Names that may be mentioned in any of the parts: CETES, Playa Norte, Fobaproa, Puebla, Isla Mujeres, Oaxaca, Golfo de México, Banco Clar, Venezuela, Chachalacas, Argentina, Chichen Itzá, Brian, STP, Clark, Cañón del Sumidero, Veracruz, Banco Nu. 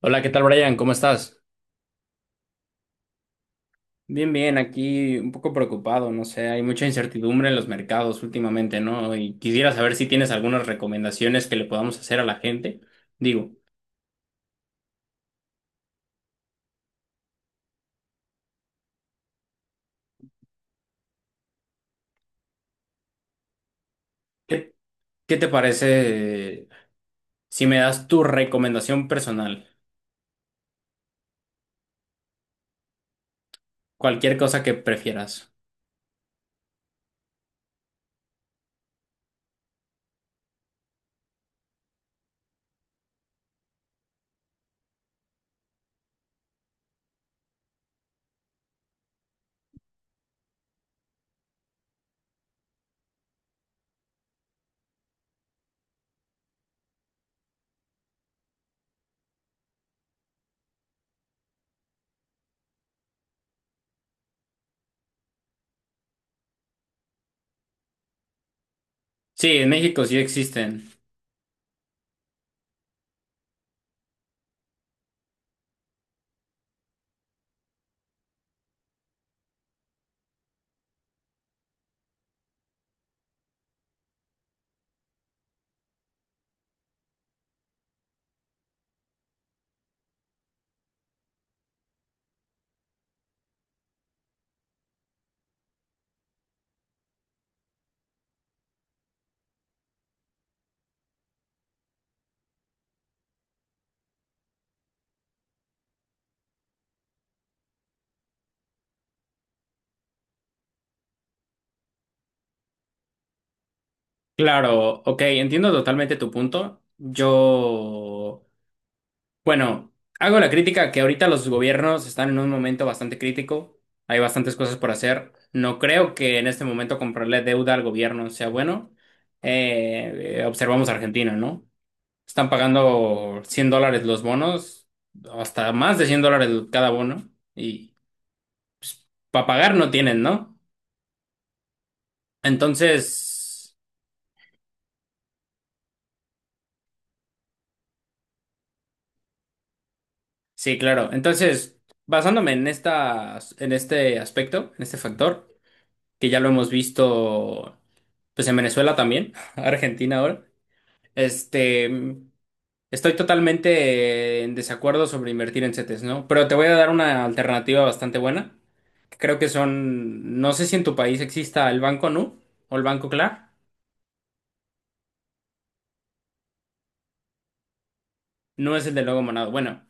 Hola, ¿qué tal, Brian? ¿Cómo estás? Bien, bien, aquí un poco preocupado, no sé, hay mucha incertidumbre en los mercados últimamente, ¿no? Y quisiera saber si tienes algunas recomendaciones que le podamos hacer a la gente. Digo, ¿qué, qué te parece si me das tu recomendación personal? Cualquier cosa que prefieras. Sí, en México sí existen. Claro, ok, entiendo totalmente tu punto. Yo Bueno, hago la crítica que ahorita los gobiernos están en un momento bastante crítico, hay bastantes cosas por hacer. No creo que en este momento comprarle deuda al gobierno sea bueno. Observamos Argentina, ¿no? Están pagando 100 dólares los bonos, hasta más de 100 dólares cada bono, y para pagar no tienen, ¿no? Entonces, sí, claro. Entonces, basándome en en este aspecto, en este factor, que ya lo hemos visto. Pues en Venezuela también, Argentina ahora, este, estoy totalmente en desacuerdo sobre invertir en CETES, ¿no? Pero te voy a dar una alternativa bastante buena. Que Creo que son, no sé si en tu país exista el Banco Nu o el Banco Clar, no es el de Logo Monado. Bueno,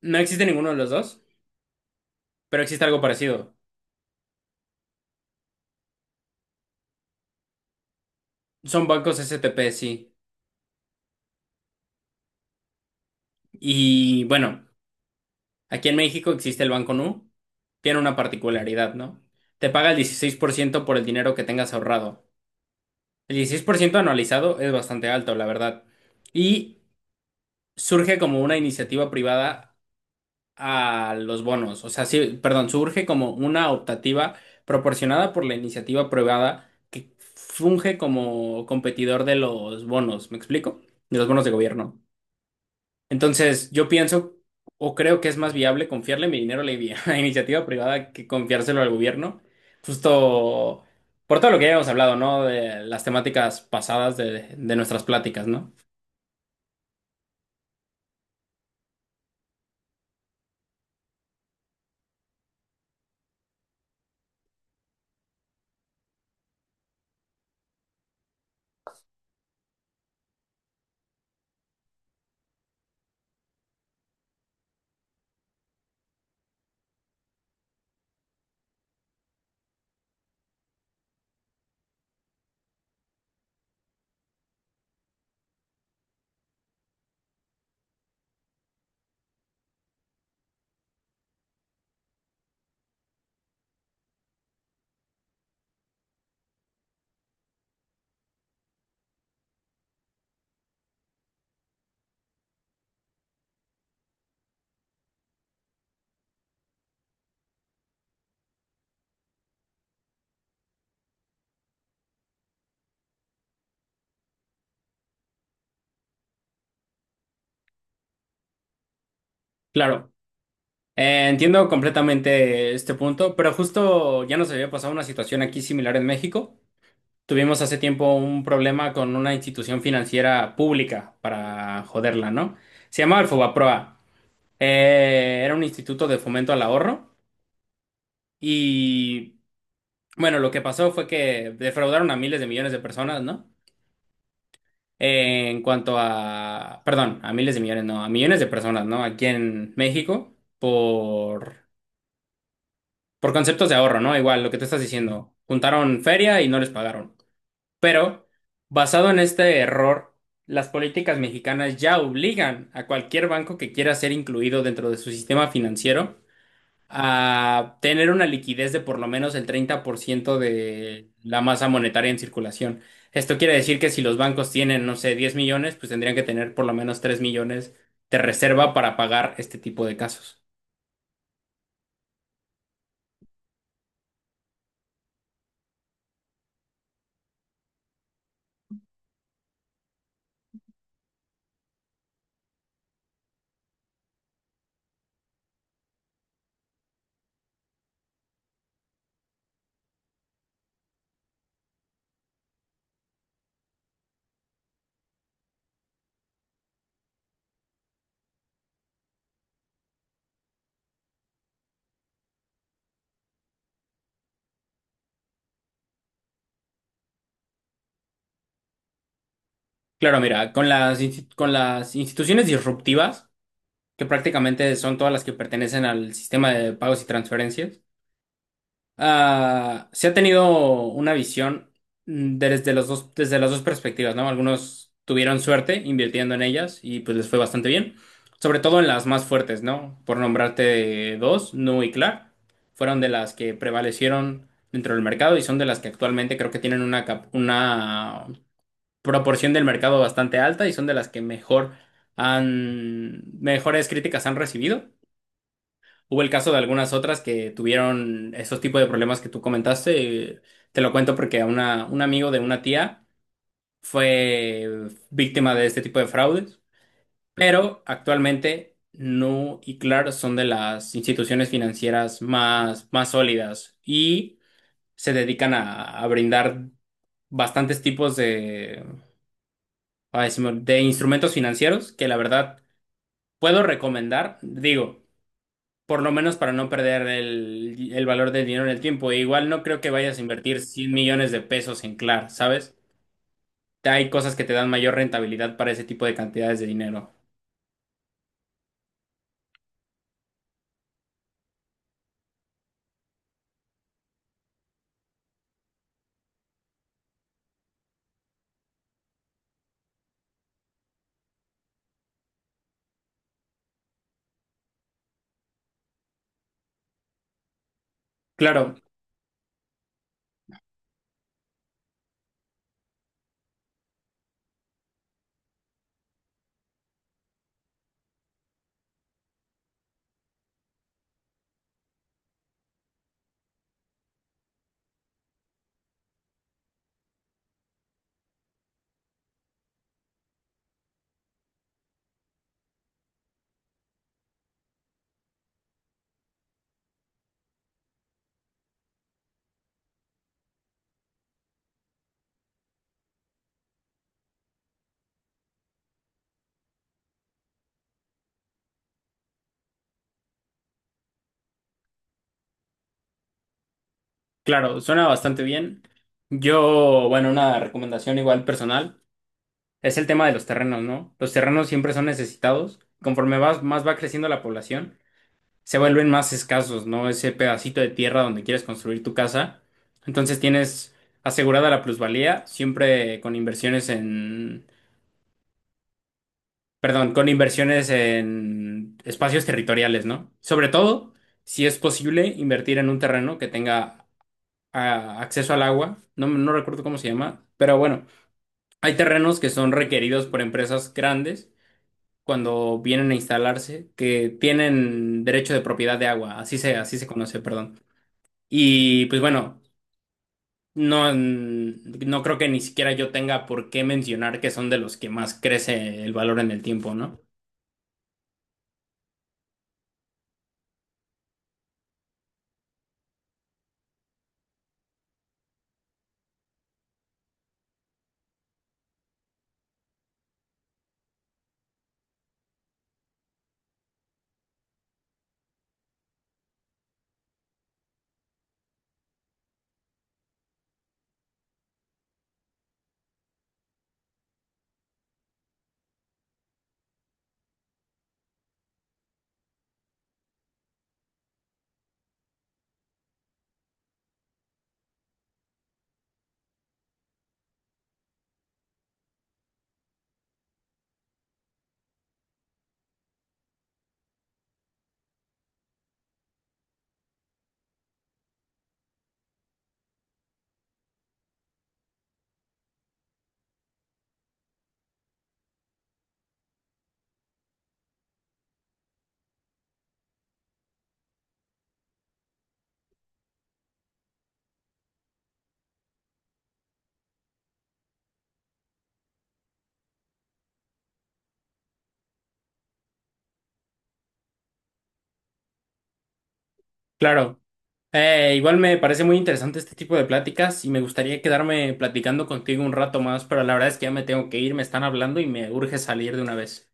no existe ninguno de los dos, pero existe algo parecido. Son bancos STP, sí. Y bueno, aquí en México existe el Banco Nu, tiene una particularidad, ¿no? Te paga el 16% por el dinero que tengas ahorrado. El 16% anualizado es bastante alto, la verdad. Y surge como una iniciativa privada a los bonos. O sea, sí, perdón, surge como una optativa proporcionada por la iniciativa privada que funge como competidor de los bonos. ¿Me explico? De los bonos de gobierno. Entonces, yo pienso o creo que es más viable confiarle mi dinero a a la iniciativa privada que confiárselo al gobierno, justo por todo lo que ya hemos hablado, ¿no? De las temáticas pasadas de nuestras pláticas, ¿no? Claro, entiendo completamente este punto, pero justo ya nos había pasado una situación aquí similar en México. Tuvimos hace tiempo un problema con una institución financiera pública para joderla, ¿no? Se llamaba el Fobaproa. Era un instituto de fomento al ahorro. Y bueno, lo que pasó fue que defraudaron a miles de millones de personas, ¿no? En cuanto a, perdón, a miles de millones, no, a millones de personas, ¿no? Aquí en México por conceptos de ahorro, ¿no? Igual lo que tú estás diciendo, juntaron feria y no les pagaron. Pero basado en este error, las políticas mexicanas ya obligan a cualquier banco que quiera ser incluido dentro de su sistema financiero a tener una liquidez de por lo menos el 30% de la masa monetaria en circulación. Esto quiere decir que si los bancos tienen, no sé, 10 millones, pues tendrían que tener por lo menos 3 millones de reserva para pagar este tipo de casos. Claro, mira, con con las instituciones disruptivas, que prácticamente son todas las que pertenecen al sistema de pagos y transferencias, ah, se ha tenido una visión desde las dos perspectivas, ¿no? Algunos tuvieron suerte invirtiendo en ellas y pues les fue bastante bien, sobre todo en las más fuertes, ¿no? Por nombrarte dos, Nu y Clark, fueron de las que prevalecieron dentro del mercado y son de las que actualmente creo que tienen una proporción del mercado bastante alta y son de las que mejor mejores críticas han recibido. Hubo el caso de algunas otras que tuvieron esos tipos de problemas que tú comentaste. Te lo cuento porque a un amigo de una tía fue víctima de este tipo de fraudes, pero actualmente Nu y Clark son de las instituciones financieras más sólidas y se dedican a brindar bastantes tipos de, ay, se me- de instrumentos financieros que la verdad puedo recomendar. Digo, por lo menos para no perder el valor del dinero en el tiempo. E igual no creo que vayas a invertir 100 millones de pesos en Clar, ¿sabes? Hay cosas que te dan mayor rentabilidad para ese tipo de cantidades de dinero. Claro, claro, suena bastante bien. Bueno, una recomendación igual personal es el tema de los terrenos, ¿no? Los terrenos siempre son necesitados. Conforme vas, más va creciendo la población, se vuelven más escasos, ¿no? Ese pedacito de tierra donde quieres construir tu casa. Entonces tienes asegurada la plusvalía, siempre con inversiones en, perdón, con inversiones en espacios territoriales, ¿no? Sobre todo, si es posible, invertir en un terreno que tenga acceso al agua. No, no recuerdo cómo se llama, pero bueno, hay terrenos que son requeridos por empresas grandes, cuando vienen a instalarse, que tienen derecho de propiedad de agua, así se conoce, perdón. Y pues bueno, no, no creo que ni siquiera yo tenga por qué mencionar que son de los que más crece el valor en el tiempo, ¿no? Claro. Igual me parece muy interesante este tipo de pláticas y me gustaría quedarme platicando contigo un rato más, pero la verdad es que ya me tengo que ir, me están hablando y me urge salir de una vez.